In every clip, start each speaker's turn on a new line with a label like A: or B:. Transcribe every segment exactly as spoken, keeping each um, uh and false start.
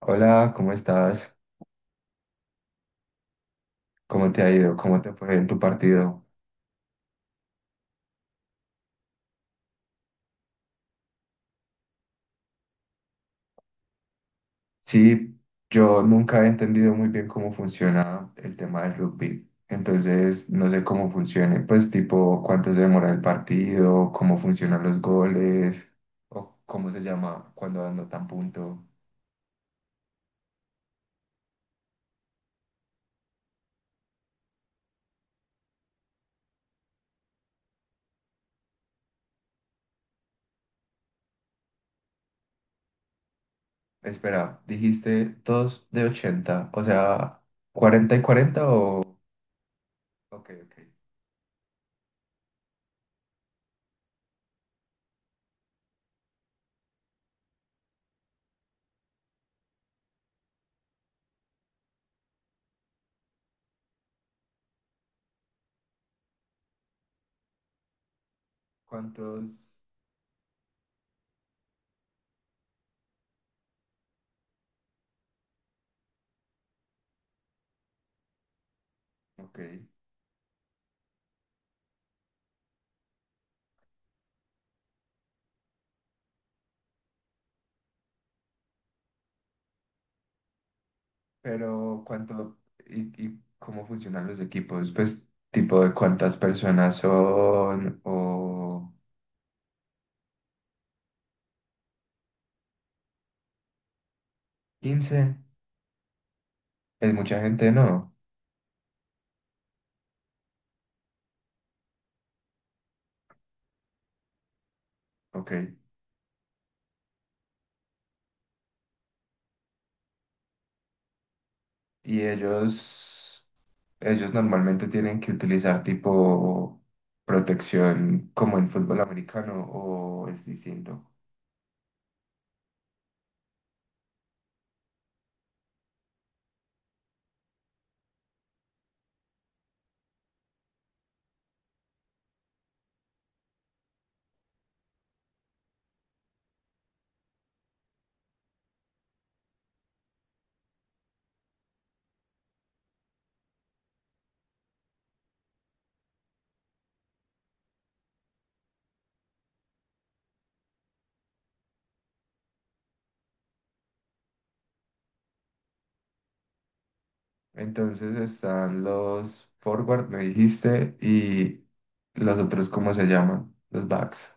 A: Hola, ¿cómo estás? ¿Cómo te ha ido? ¿Cómo te fue en tu partido? Sí, yo nunca he entendido muy bien cómo funciona el tema del rugby, entonces no sé cómo funcione, pues tipo cuánto se demora el partido, cómo funcionan los goles, o cómo se llama cuando anotan punto. Espera, dijiste dos de ochenta, o sea, ¿cuarenta y cuarenta o...? Ok, ok. ¿Cuántos? Ok. Pero cuánto y, y cómo funcionan los equipos, pues tipo de cuántas personas son o quince es mucha gente, ¿no? Ok. Y ellos, ellos normalmente tienen que utilizar tipo protección como en fútbol americano, ¿o es distinto? Entonces están los forward, me dijiste, y los otros, ¿cómo se llaman? Los backs.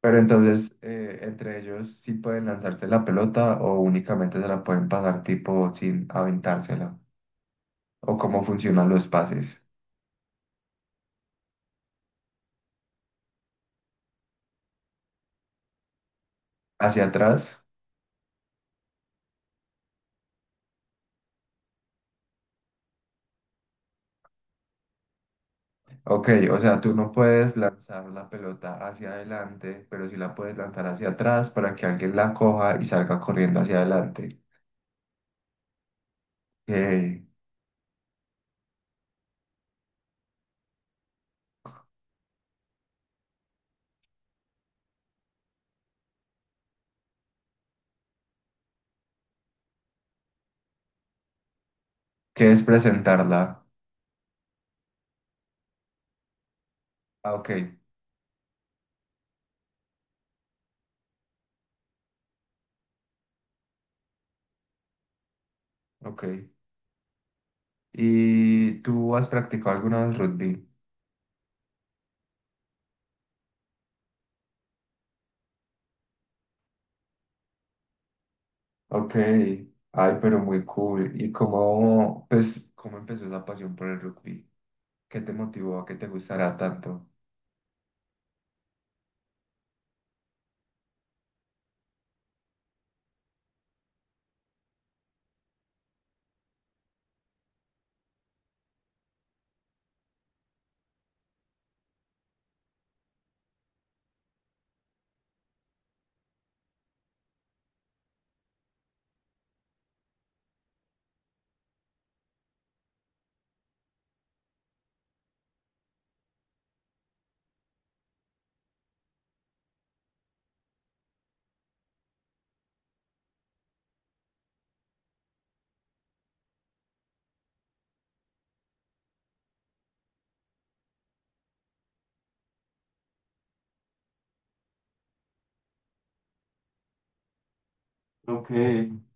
A: Pero entonces, eh, entre ellos sí pueden lanzarse la pelota o únicamente se la pueden pasar tipo sin aventársela. O cómo funcionan los pases. Hacia atrás. Ok, o sea, tú no puedes lanzar la pelota hacia adelante, pero sí la puedes lanzar hacia atrás para que alguien la coja y salga corriendo hacia adelante. Eh, ¿Qué es presentarla? Ah, ok, ok. ¿Y tú has practicado alguna vez rugby? Ok, ay, pero muy cool. Y cómo, pues, ¿cómo empezó esa pasión por el rugby? ¿Qué te motivó a que te gustara tanto? Ok,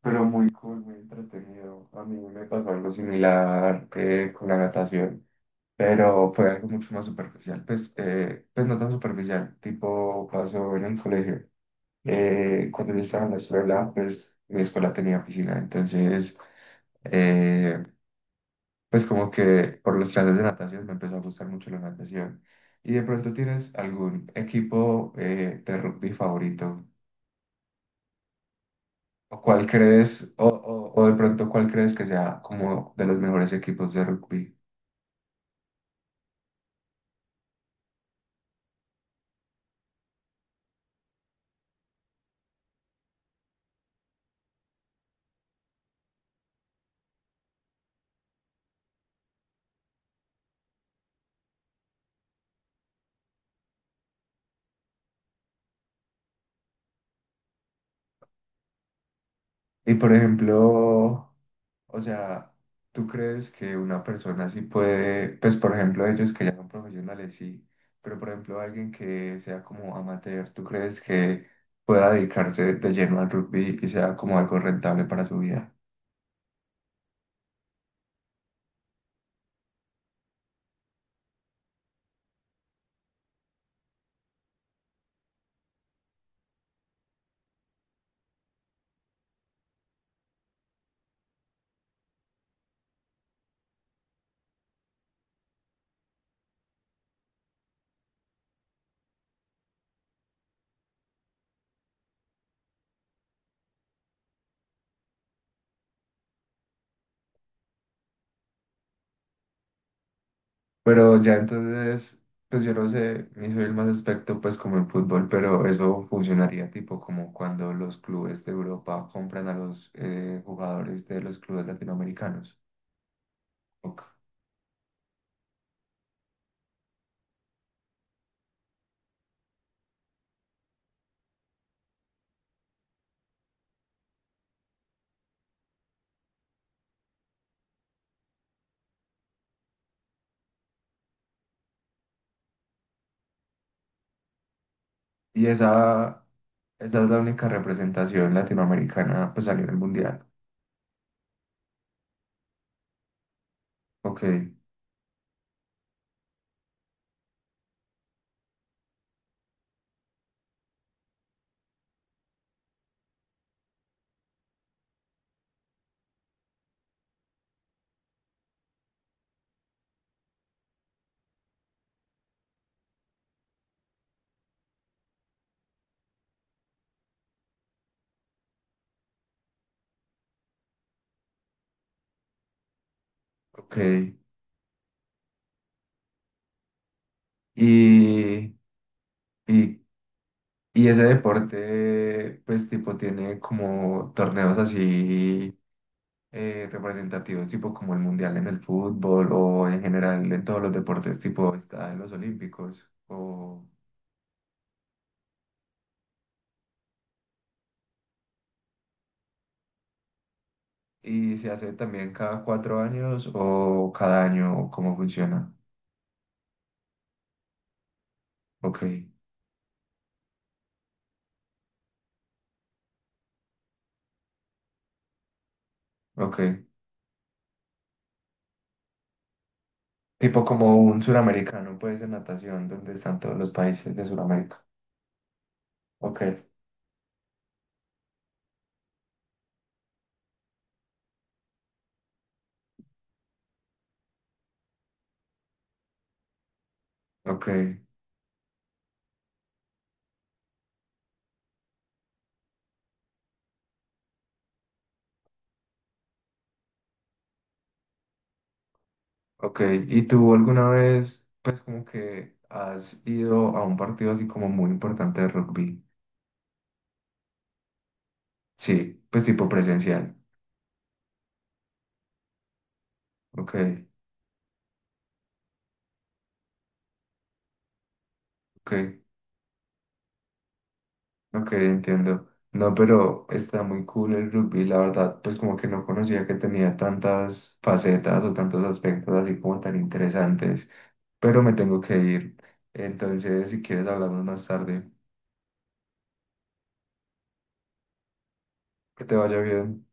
A: pero muy cool, muy entretenido. A mí me pasó algo similar eh, con la natación, pero fue algo mucho más superficial. Pues, eh, pues no tan superficial, tipo pasó en el colegio. Eh, cuando yo estaba en la escuela, pues mi escuela tenía piscina, entonces... Eh, pues como que por las clases de natación me empezó a gustar mucho la natación. ¿Y de pronto tienes algún equipo eh, de rugby favorito? ¿O cuál crees, o, o, o de pronto cuál crees que sea como de los mejores equipos de rugby? Y por ejemplo, o sea, ¿tú crees que una persona así puede, pues por ejemplo ellos que ya son profesionales, sí, pero por ejemplo alguien que sea como amateur, tú crees que pueda dedicarse de lleno al rugby y sea como algo rentable para su vida? Pero ya entonces, pues yo no sé, ni soy el más experto pues como en fútbol, pero eso funcionaría tipo como cuando los clubes de Europa compran a los eh, jugadores de los clubes latinoamericanos. Ok. Y esa, ¿esa es la única representación latinoamericana pues a nivel mundial? Ok, ok. Y, y, ¿y ese deporte pues tipo tiene como torneos así eh, representativos, tipo como el mundial en el fútbol o en general en todos los deportes, tipo está en los olímpicos o y se hace también cada cuatro años o cada año o cómo funciona? Ok, ok. Tipo como un suramericano, pues en natación, donde están todos los países de Suramérica. Ok, ok, ok. ¿Y tú alguna vez, pues como que has ido a un partido así como muy importante de rugby? Sí, pues tipo presencial. Ok. Ok, ok, entiendo. No, pero está muy cool el rugby, la verdad, pues como que no conocía que tenía tantas facetas o tantos aspectos así como tan interesantes, pero me tengo que ir. Entonces, si quieres, hablamos más tarde. Que te vaya bien.